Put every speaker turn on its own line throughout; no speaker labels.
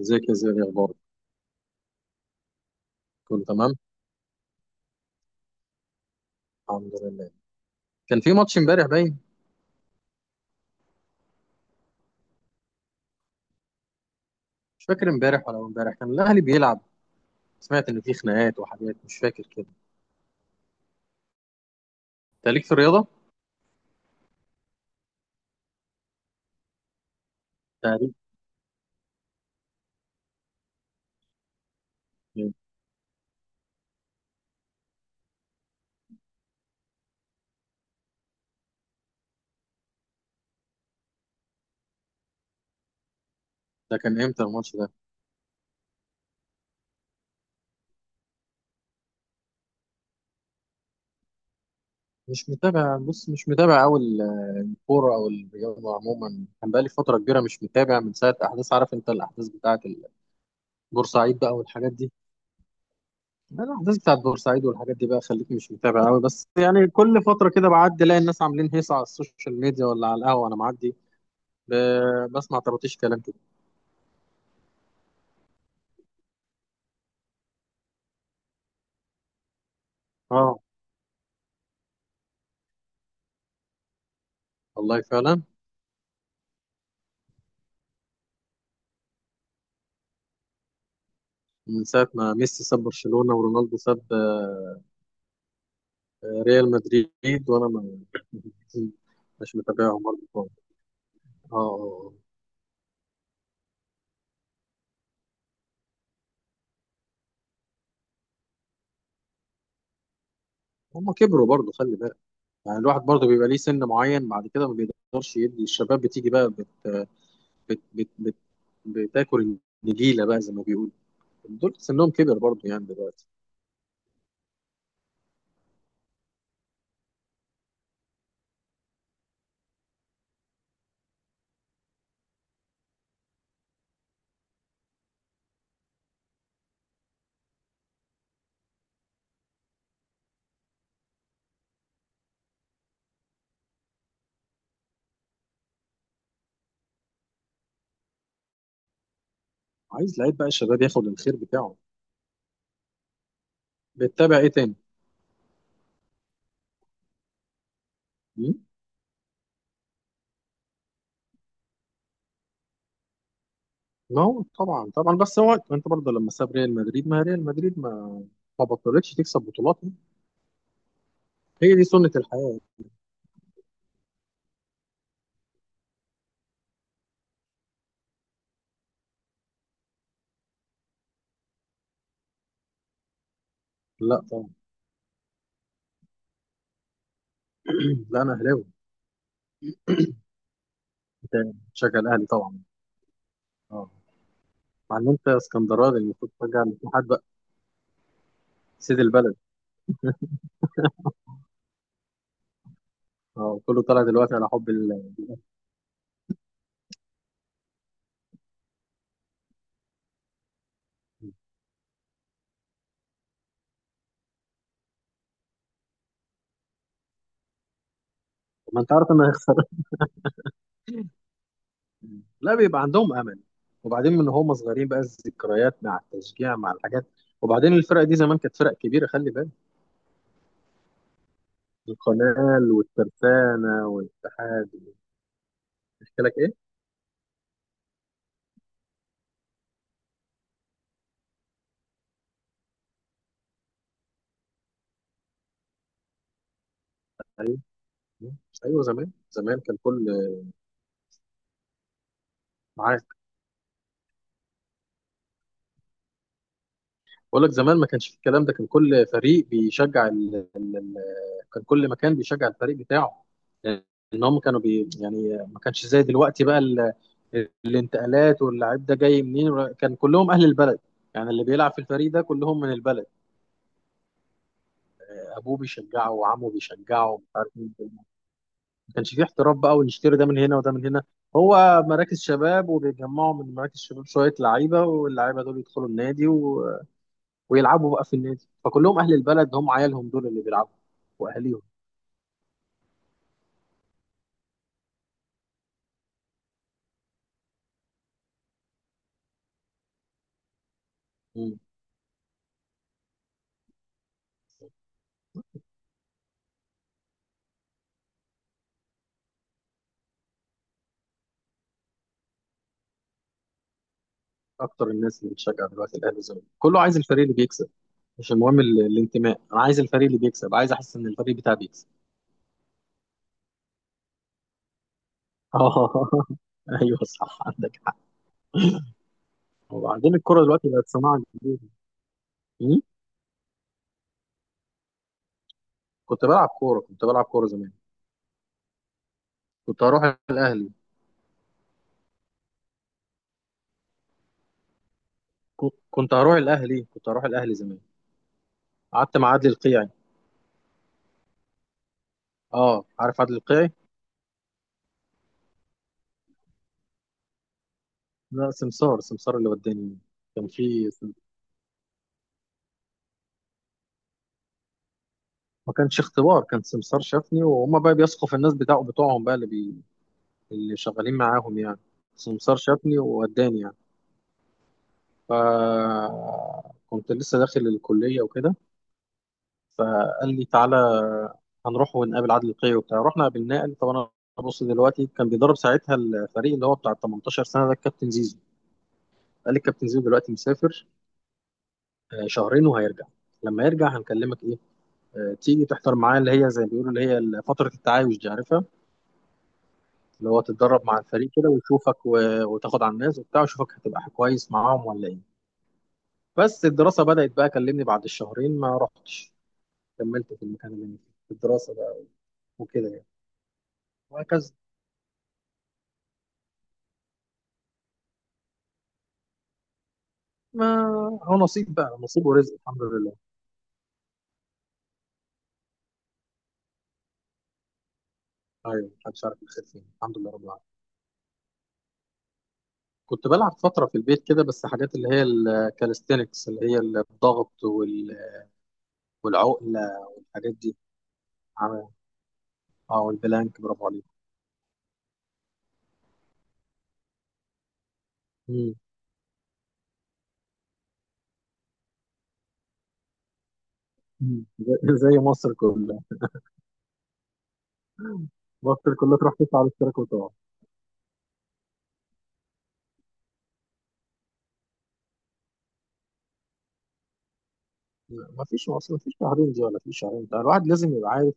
ازيك يا زياد يا اخبارك. كله تمام، الحمد لله. كان في ماتش امبارح باين. مش فاكر امبارح ولا امبارح كان الاهلي بيلعب. سمعت ان في خناقات وحاجات مش فاكر كده. انت ليك في الرياضه؟ تقريبا. ده كان امتى الماتش ده؟ مش متابع، بص مش متابع قوي. الكوره او الرياضه عموما كان بقالي فتره كبيره مش متابع من ساعه احداث، عارف انت الاحداث بتاعه بورسعيد بقى والحاجات دي. لا، الاحداث بتاعه بورسعيد والحاجات دي بقى خليتني مش متابع قوي، بس يعني كل فتره كده بعدي الاقي الناس عاملين هيصه على السوشيال ميديا ولا على القهوه انا معدي بسمع طرطيش كلام كده. اه والله فعلا. من ساعة ما ميسي ساب برشلونة ورونالدو ساب ريال مدريد وانا ما مش متابعهم برضه خالص. اه اه آه. هم كبروا برضه خلي بالك، يعني الواحد برضه بيبقى ليه سن معين بعد كده ما بيقدرش يدي، الشباب بتيجي بقى بت بتاكل النجيله بقى زي ما بيقولوا. دول سنهم كبر برضه يعني دلوقتي. عايز لعيب بقى الشباب ياخد الخير بتاعه. بتتابع ايه تاني؟ نو طبعا طبعا، بس هو انت برضه لما ساب ريال مدريد، ما ريال مدريد ما بطلتش تكسب بطولات. هي دي سنة الحياة. لا طبعا. لا انا اهلاوي. انت شغال اهلي طبعا. اه. مع ان انت اسكندراني المفروض ترجع الاتحاد بقى، سيد البلد. اه كله طالع دلوقتي على حب ال... ما انت عارف انه هيخسر. لا بيبقى عندهم امل. وبعدين من هم صغيرين بقى الذكريات مع التشجيع مع الحاجات. وبعدين الفرق دي زمان كانت فرق كبيره خلي بالك. القنال والترسانه والاتحاد. احكي لك ايه. ايوه زمان زمان كان كل، معاك. بقول لك زمان ما كانش في الكلام ده، كان كل فريق بيشجع ال... ال... ال... كان كل مكان بيشجع الفريق بتاعه. ان هم كانوا بي... يعني ما كانش زي دلوقتي بقى ال... الانتقالات واللاعب ده جاي منين كان كلهم اهل البلد. يعني اللي بيلعب في الفريق ده كلهم من البلد. ابوه بيشجعه وعمه بيشجعه مش عارف مين. ما كانش فيه احتراف بقى ونشتري ده من هنا وده من هنا. هو مراكز شباب وبيجمعوا من مراكز شباب شويه لعيبه، واللعيبه دول يدخلوا النادي و... ويلعبوا بقى في النادي، فكلهم اهل البلد هم عيالهم دول اللي بيلعبوا واهاليهم. مم. اكتر الناس اللي بتشجع دلوقتي الاهلي والزمالك كله عايز الفريق اللي بيكسب. مش المهم الانتماء، انا عايز الفريق اللي بيكسب، عايز احس ان الفريق بتاعي بيكسب. اه ايوه صح عندك حق. وبعدين الكوره دلوقتي بقت صناعه جديده. مم؟ كنت بلعب كوره، كنت بلعب كوره زمان. كنت هروح الاهلي. كنت هروح الاهلي، كنت هروح الاهلي زمان. قعدت مع عدلي القيعي. اه عارف عدلي القيعي. لا سمسار، سمسار اللي وداني. كان في، ما كانش اختبار، كان سمسار شافني وهما بقى بيثقوا في الناس بتاعه بتوعهم بقى اللي بي... اللي شغالين معاهم يعني. سمسار شافني ووداني يعني. فكنت لسه داخل الكلية وكده، فقال لي تعالى هنروح ونقابل عادل القيعي وبتاع. رحنا قابلناه قال لي طب انا، بص دلوقتي كان بيدرب ساعتها الفريق اللي هو بتاع 18 سنة ده الكابتن زيزو. قال لي الكابتن زيزو دلوقتي مسافر شهرين وهيرجع، لما يرجع هنكلمك ايه تيجي تحضر معاه، اللي هي زي ما بيقولوا، اللي هي فترة التعايش دي عارفها. اللي هو تتدرب مع الفريق كده ويشوفك و... وتاخد على الناس وبتاع ويشوفك هتبقى كويس معاهم ولا ايه. بس الدراسة بدأت بقى، كلمني بعد الشهرين ما رحتش، كملت في المكان اللي أنا فيه في الدراسة بقى وكده يعني، وهكذا. ما هو نصيب بقى، نصيب ورزق الحمد لله. ايوه محدش عارف الخير فين، الحمد لله رب العالمين. كنت بلعب فترة في البيت كده، بس حاجات اللي هي الكاليستينكس، اللي هي الضغط وال... والعقلة والحاجات دي. عمل- اه والبلانك، برافو عليك. مم. مم. زي زي مصر كلها. مصر كلها تروح تدفع على الاشتراك وتقع. ما فيش مصر ما فيش شهرين دي، ولا في شهرين ده، الواحد لازم يبقى عارف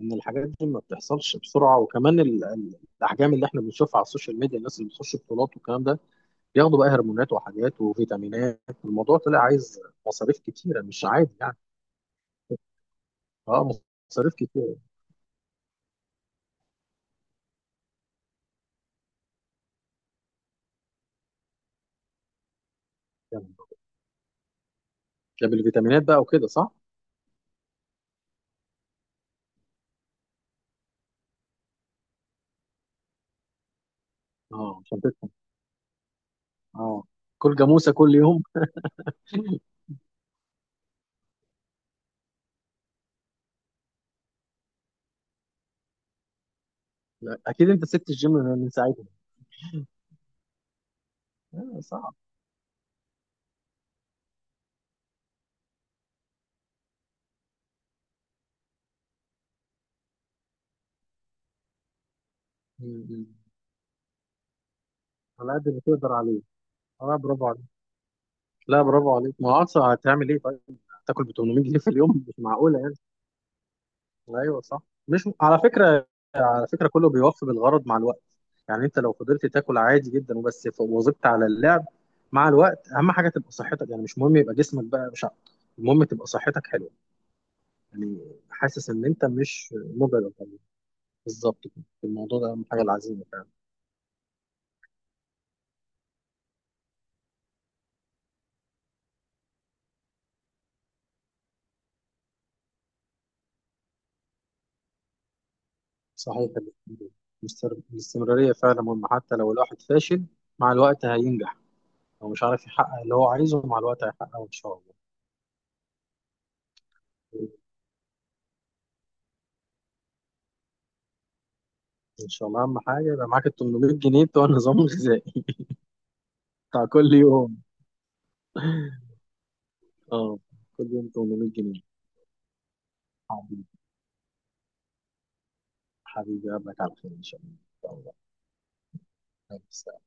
ان الحاجات دي ما بتحصلش بسرعه. وكمان الاحجام اللي احنا بنشوفها على السوشيال ميديا، الناس اللي بتخش بطولات والكلام ده بياخدوا بقى هرمونات وحاجات وفيتامينات. الموضوع طلع عايز مصاريف كتيره مش عادي يعني. اه مصاريف كتيره. يعني ده بالفيتامينات بقى وكده صح؟ اه عشان تدفع. اه كل جاموسه كل يوم. اكيد انت سبت الجيم من ساعتها. صعب. م- م. على قد ما تقدر عليه. اه برافو عليك. لا برافو عليك، ما هو اصلا هتعمل ايه طيب؟ هتاكل ب 800 جنيه في اليوم؟ مش معقوله يعني. ايوه صح. مش على فكره، على فكره كله بيوفي بالغرض مع الوقت. يعني انت لو فضلت تاكل عادي جدا وبس وظبطت على اللعب، مع الوقت اهم حاجه تبقى صحتك. يعني مش مهم يبقى جسمك بقى مش المهم تبقى صحتك حلوه يعني. حاسس ان انت مش مجرد يعني، بالظبط كده، الموضوع ده اهم حاجه العزيمه فعلا. صحيح، الاستمراريه فعلا مهمه. حتى لو الواحد فاشل مع الوقت هينجح. هو مش عارف يحقق اللي هو عايزه، مع الوقت هيحققه إن شاء الله. إن شاء الله أهم حاجة يبقى معاك ال 800 جنيه بتوع النظام الغذائي بتاع كل يوم. أه كل يوم 800 جنيه. حبيبي، حبيبي أقابلك على خير إن شاء الله، إن شاء الله.